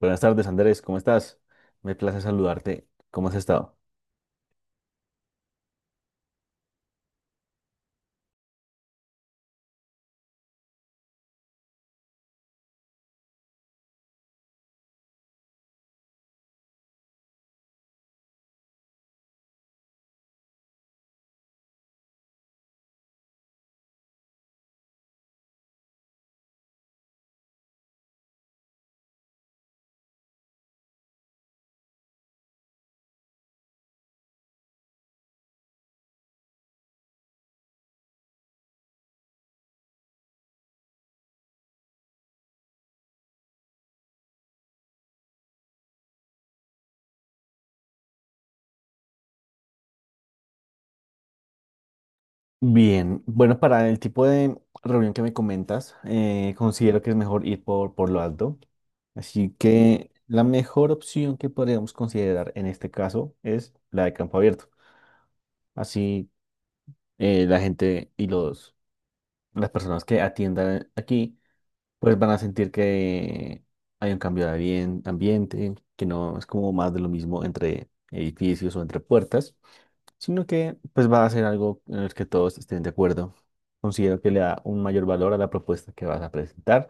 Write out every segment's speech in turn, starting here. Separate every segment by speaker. Speaker 1: Buenas tardes, Andrés, ¿cómo estás? Me place saludarte. ¿Cómo has estado? Bien, bueno, para el tipo de reunión que me comentas, considero que es mejor ir por lo alto. Así que la mejor opción que podríamos considerar en este caso es la de campo abierto. Así la gente y las personas que atiendan aquí pues van a sentir que hay un cambio de ambiente, que no es como más de lo mismo entre edificios o entre puertas, sino que pues va a ser algo en el que todos estén de acuerdo. Considero que le da un mayor valor a la propuesta que vas a presentar.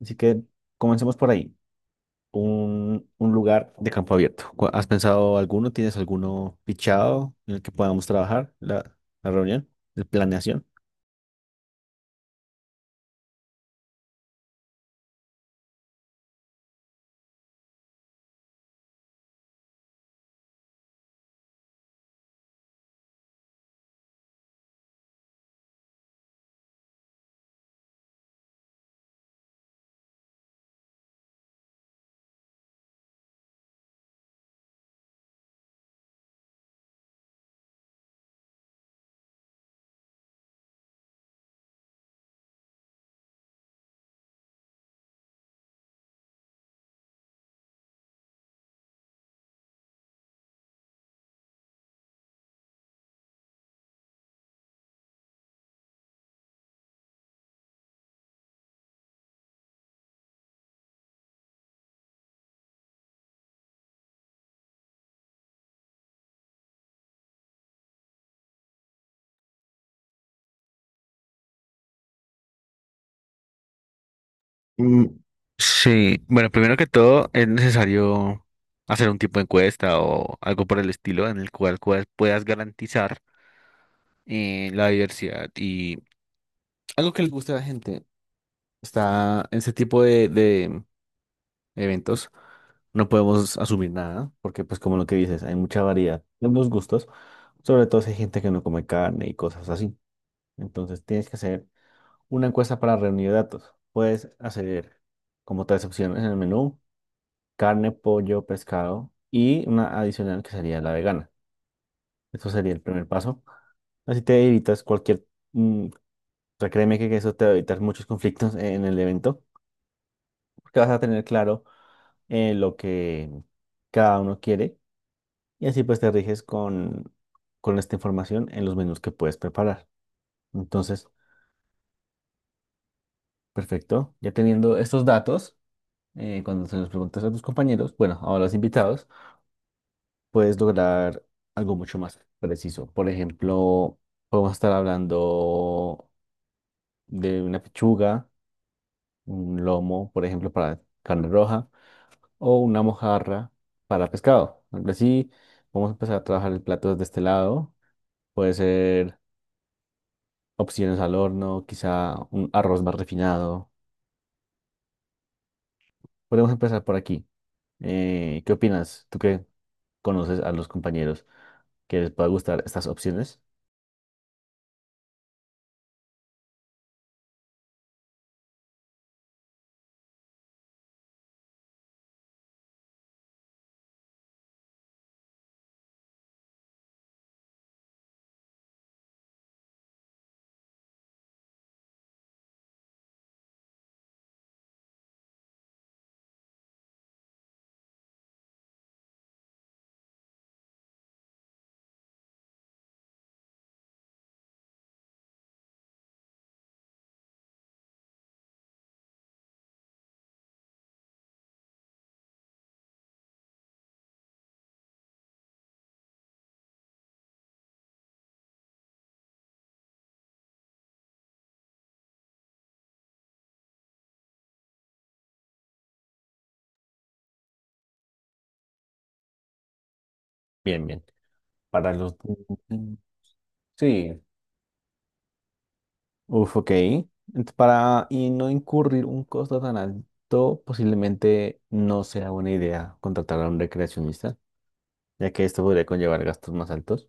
Speaker 1: Así que comencemos por ahí. Un lugar de campo abierto. ¿Has pensado alguno? ¿Tienes alguno fichado en el que podamos trabajar la reunión, la planeación? Mm, sí, bueno, primero que todo es necesario hacer un tipo de encuesta o algo por el estilo en el cual, cual puedas garantizar, la diversidad y algo que les guste a la gente. Está en ese tipo de eventos, no podemos asumir nada, porque pues como lo que dices, hay mucha variedad en los gustos, sobre todo si hay gente que no come carne y cosas así. Entonces tienes que hacer una encuesta para reunir datos. Puedes hacer como tres opciones en el menú: carne, pollo, pescado y una adicional que sería la vegana. Eso sería el primer paso. Así te evitas cualquier, mm, o sea, créeme que eso te va a evitar muchos conflictos en el evento, porque vas a tener claro, lo que cada uno quiere, y así pues te riges con esta información en los menús que puedes preparar. Entonces, perfecto. Ya teniendo estos datos, cuando se los preguntas a tus compañeros, bueno, a los invitados, puedes lograr algo mucho más preciso. Por ejemplo, podemos estar hablando de una pechuga, un lomo, por ejemplo, para carne roja, o una mojarra para pescado. Algo así, vamos a empezar a trabajar el plato desde este lado. Puede ser opciones al horno, quizá un arroz más refinado. Podemos empezar por aquí. ¿Qué opinas? Tú que conoces a los compañeros, que les pueda gustar estas opciones. Bien, bien. Para los... Mm, sí. Uf, ok. Para y no incurrir un costo tan alto, posiblemente no sea buena idea contratar a un recreacionista, ya que esto podría conllevar gastos más altos.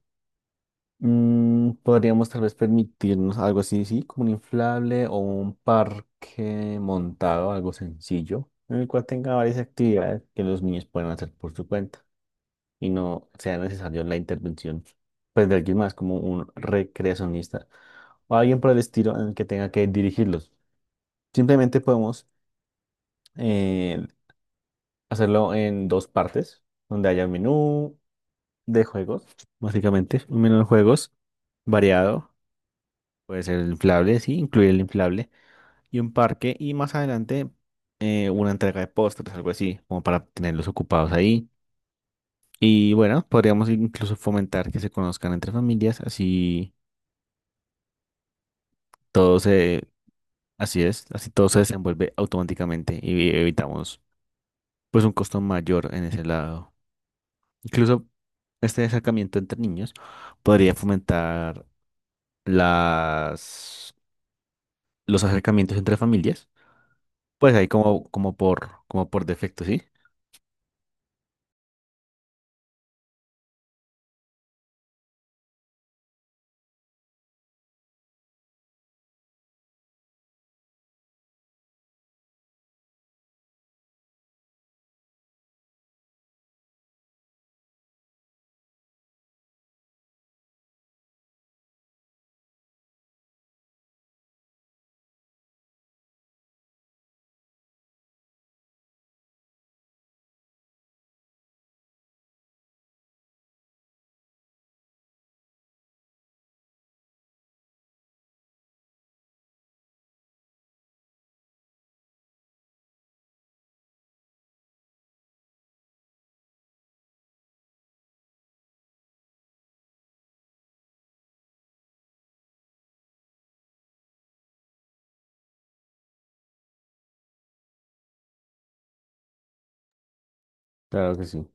Speaker 1: Mm, podríamos tal vez permitirnos algo así, sí, como un inflable o un parque montado, algo sencillo, en el cual tenga varias actividades que los niños puedan hacer por su cuenta y no sea necesario la intervención, pues, de alguien más, como un recreacionista o alguien por el estilo en el que tenga que dirigirlos. Simplemente podemos, eh, hacerlo en dos partes, donde haya un menú de juegos, básicamente, un menú de juegos variado. Puede ser el inflable, sí, incluir el inflable y un parque, y más adelante, una entrega de postres, algo así, como para tenerlos ocupados ahí. Y bueno, podríamos incluso fomentar que se conozcan entre familias, todo se, así es, así todo se desenvuelve automáticamente y evitamos pues un costo mayor en ese lado. Incluso este acercamiento entre niños podría fomentar las, los acercamientos entre familias, pues ahí como, como por, como por defecto, ¿sí? Claro que sí.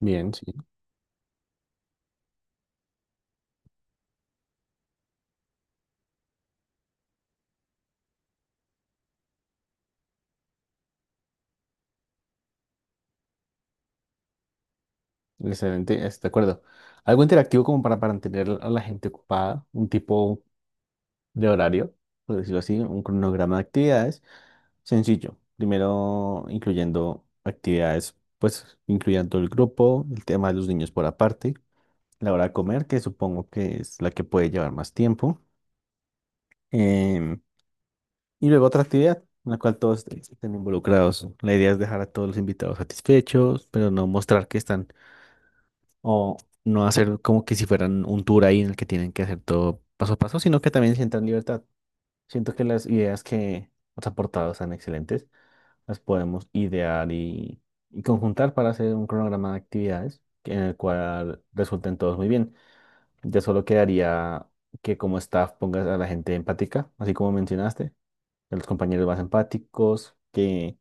Speaker 1: Bien, sí. Excelente, estoy de acuerdo. Algo interactivo como para mantener a la gente ocupada, un tipo de horario, por decirlo así, un cronograma de actividades sencillo. Primero incluyendo actividades, pues incluyendo el grupo, el tema de los niños por aparte, la hora de comer, que supongo que es la que puede llevar más tiempo, em, y luego otra actividad en la cual todos estén involucrados. La idea es dejar a todos los invitados satisfechos, pero no mostrar que están... O no hacer como que si fueran un tour ahí en el que tienen que hacer todo paso a paso, sino que también sientan libertad. Siento que las ideas que has aportado están excelentes. Las podemos idear y conjuntar para hacer un cronograma de actividades en el cual resulten todos muy bien. Ya solo quedaría que como staff pongas a la gente empática, así como mencionaste, a los compañeros más empáticos, que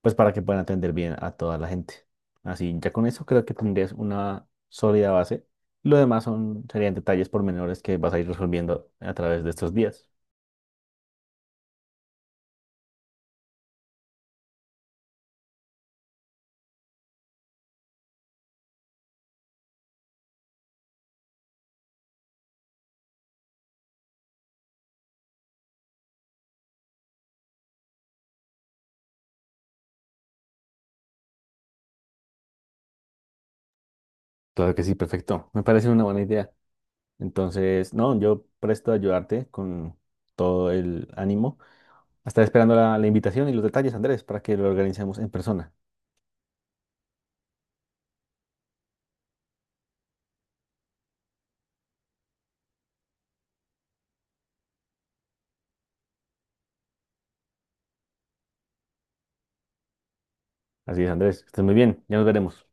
Speaker 1: pues para que puedan atender bien a toda la gente. Así, ya con eso creo que tendrías una sólida base. Lo demás serían detalles pormenores que vas a ir resolviendo a través de estos días. Claro que sí, perfecto. Me parece una buena idea. Entonces, no, yo presto a ayudarte con todo el ánimo. Estaré esperando la invitación y los detalles, Andrés, para que lo organicemos en persona. Así es, Andrés, que estés muy bien. Ya nos veremos.